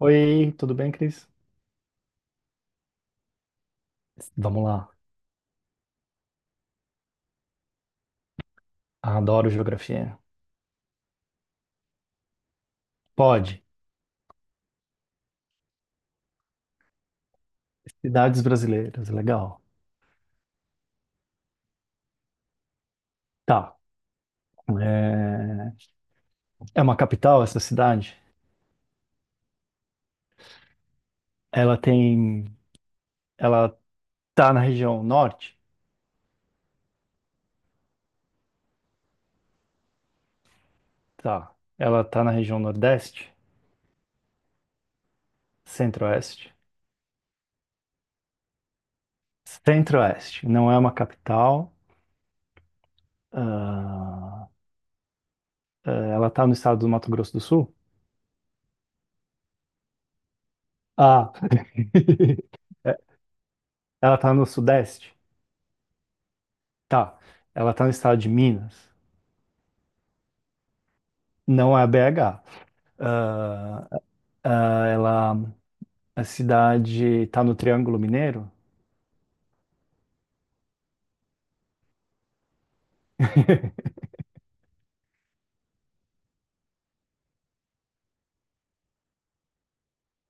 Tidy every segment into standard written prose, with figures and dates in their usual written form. Oi, tudo bem, Cris? Vamos lá. Adoro geografia. Pode. Cidades brasileiras, legal. Tá. É, é uma capital essa cidade? Ela tem. Ela tá na região norte? Tá. Ela tá na região nordeste? Centro-oeste? Centro-oeste. Não é uma capital. Ah, ela tá no estado do Mato Grosso do Sul? Ah. Ela tá no sudeste? Tá. Ela tá no estado de Minas? Não é BH. Ah, ah, ela, a cidade está no Triângulo Mineiro?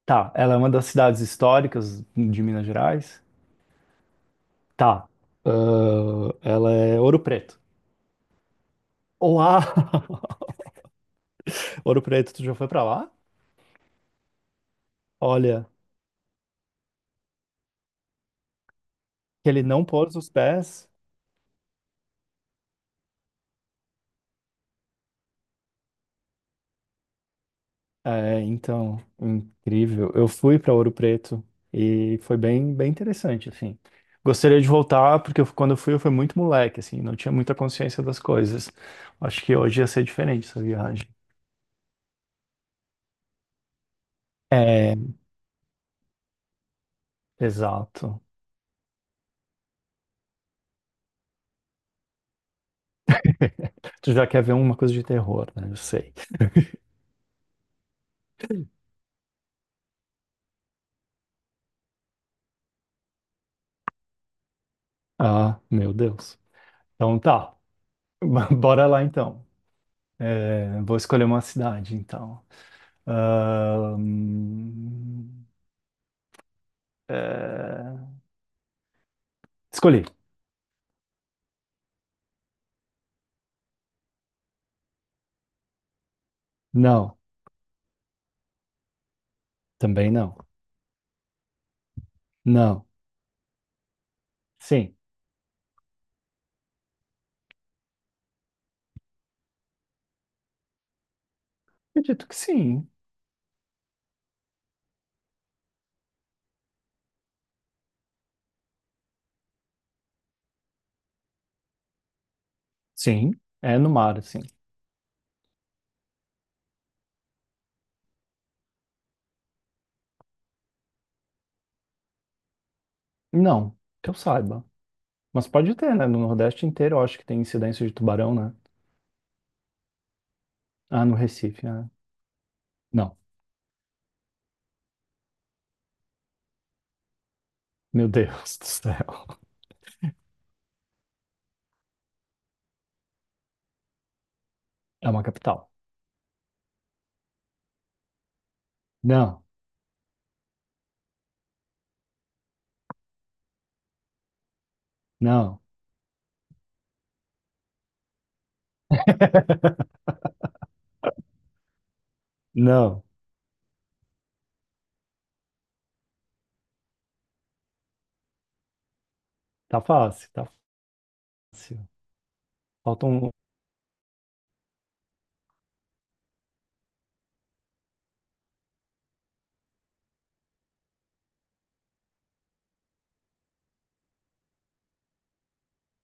Tá. Ela é uma das cidades históricas de Minas Gerais? Tá. Ah, ela é Ouro Preto. Olá! Ouro Preto, tu já foi pra lá? Olha, que ele não pôs os pés. É, então, incrível. Eu fui pra Ouro Preto e foi bem, bem interessante, assim. Gostaria de voltar, porque quando eu fui muito moleque, assim, não tinha muita consciência das coisas. Acho que hoje ia ser diferente essa viagem. É, exato. Tu já quer ver uma coisa de terror, né? Eu sei. Ah, meu Deus. Então tá. Bora lá então. É, vou escolher uma cidade então. Ahn, é, Escolhi. Não. Também não. Não. Sim. Acredito que sim. Sim. É no mar, sim. Não. Que eu saiba. Mas pode ter, né? No Nordeste inteiro eu acho que tem incidência de tubarão, né? Ah, no Recife, né? Não. Meu Deus do céu. É uma capital. Não, não, não. Tá fácil, tá fácil. Falta um.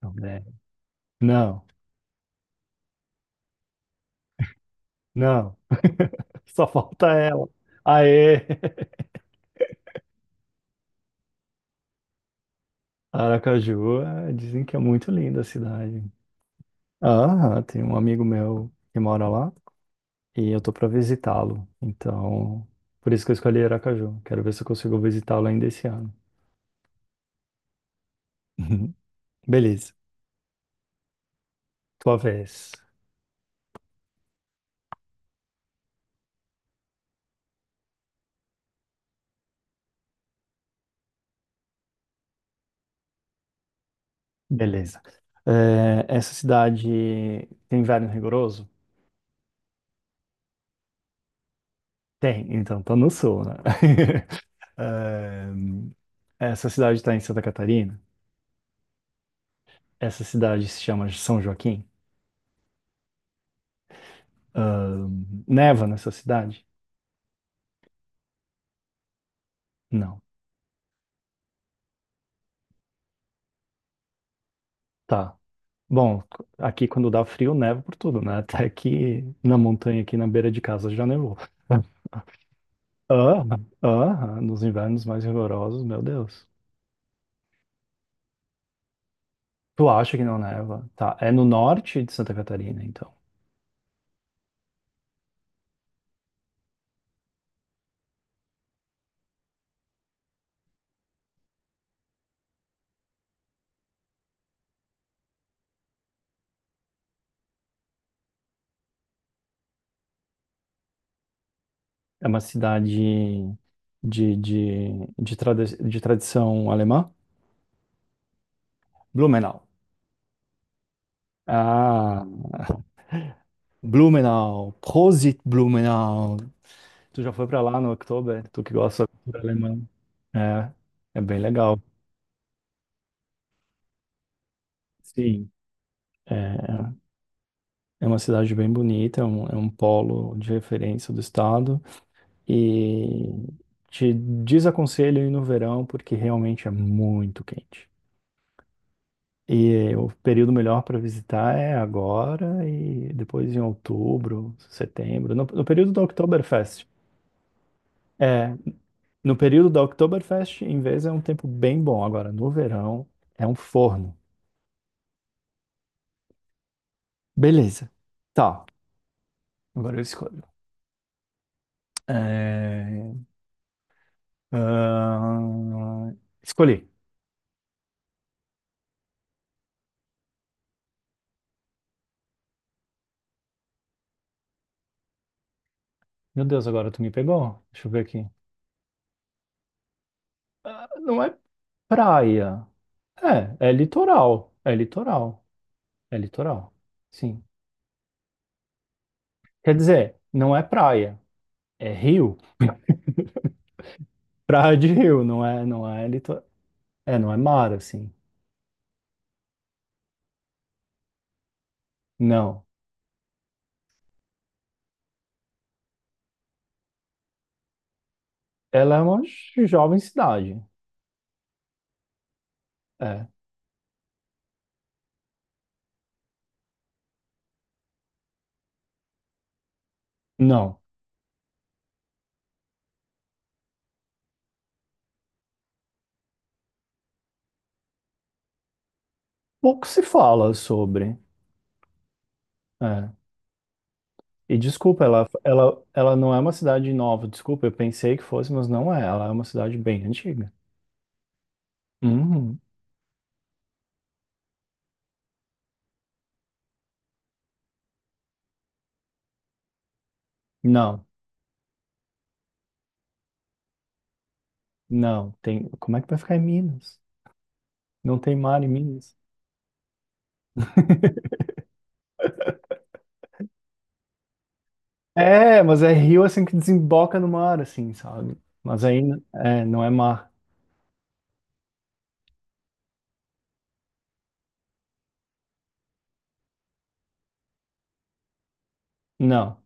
Não, né? Não. Não. Só falta ela. Aê! Aracaju, é, dizem que é muito linda a cidade. Ah, tem um amigo meu que mora lá e eu tô pra visitá-lo. Então, por isso que eu escolhi Aracaju. Quero ver se eu consigo visitá-lo ainda esse ano. Uhum. Beleza, tua vez. Beleza. É, essa cidade tem inverno rigoroso? Tem, então, tá no sul, né? Ahn, essa cidade está em Santa Catarina. Essa cidade se chama São Joaquim. Neva nessa cidade? Não. Tá. Bom, aqui quando dá frio, neva por tudo, né? Até que na montanha aqui na beira de casa já nevou. Ah, ah, nos invernos mais rigorosos, meu Deus. Tu acha que não neva? Tá, é no norte de Santa Catarina, então. É uma cidade de tradição alemã? Blumenau. Ah, Blumenau. Prosit Blumenau. Tu já foi pra lá no Oktober? Tu que gosta da cultura alemã. É, é bem legal. Sim. É, é É uma cidade bem bonita, é um polo de referência do estado. E te desaconselho ir no verão, porque realmente é muito quente. E o período melhor para visitar é agora e depois em outubro, setembro, no, no período da Oktoberfest. É, no período da Oktoberfest, em vez é um tempo bem bom. Agora, no verão, é um forno. Beleza. Tá, agora eu escolho. É, ahn, Escolhi. Meu Deus, agora tu me pegou. Deixa eu ver aqui. Ah, não é praia. É litoral. É litoral. É litoral. Sim. Quer dizer, não é praia. É rio. Praia de rio, não é litoral. É, não é mar, assim. Não. Ela é uma jovem cidade. É. Não. Pouco se fala sobre. É. E desculpa, ela não é uma cidade nova. Desculpa, eu pensei que fosse, mas não é. Ela é uma cidade bem antiga. Uhum. Não. Não, tem. Como é que vai ficar em Minas? Não tem mar em Minas. É, mas é rio assim que desemboca no mar, assim, sabe? Mas aí é, não é mar. Não.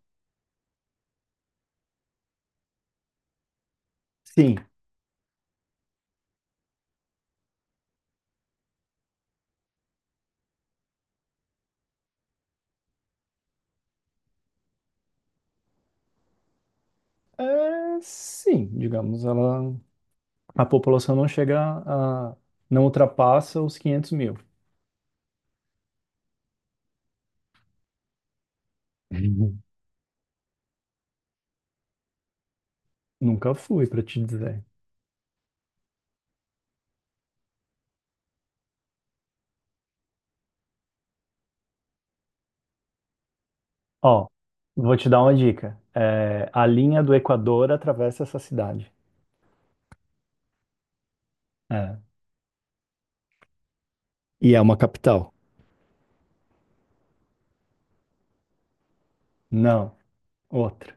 Sim. É, sim, digamos, ela, a população não chega a, não ultrapassa os 500.000. Uhum. Nunca fui, pra te dizer. Ó, vou te dar uma dica. É, a linha do Equador atravessa essa cidade. É. E é uma capital. Não, outra.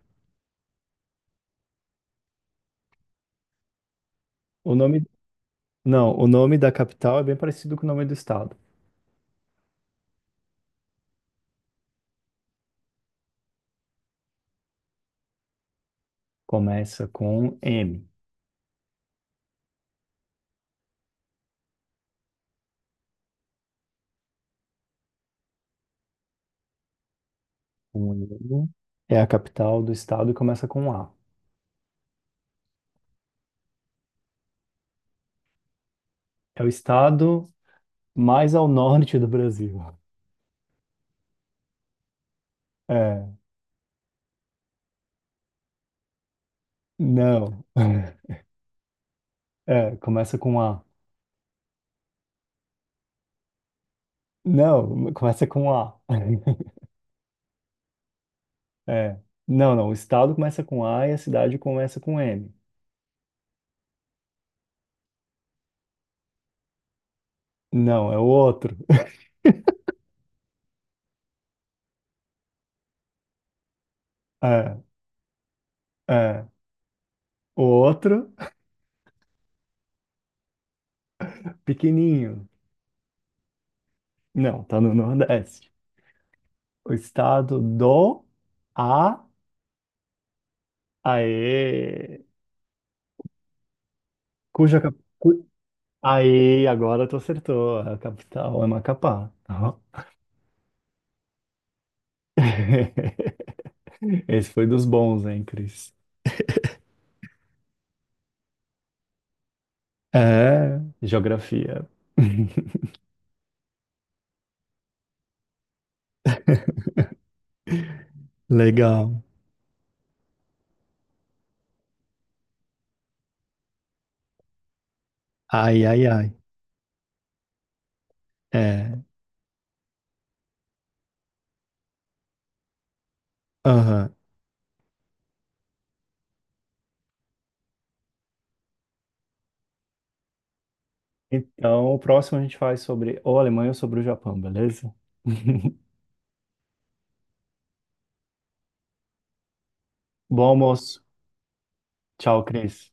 O nome, Não, o nome da capital é bem parecido com o nome do estado. Começa com M. O M é a capital do estado e começa com A. É o estado mais ao norte do Brasil. É, não. É, começa com A. Não, começa com A. É. Não, não, o estado começa com A e a cidade começa com M. Não, é o outro. É, é. O outro, pequenininho. Não, tá no Nordeste. O estado do A. Aê! Cuja cap... cu- Aê, agora tu acertou. A capital é Macapá. Tá? Esse foi dos bons, hein, Cris? É, geografia. Legal. Ai, ai, ai. É. Aham. Então, o próximo a gente faz sobre ou a Alemanha ou sobre o Japão, beleza? Bom almoço. Tchau, Cris.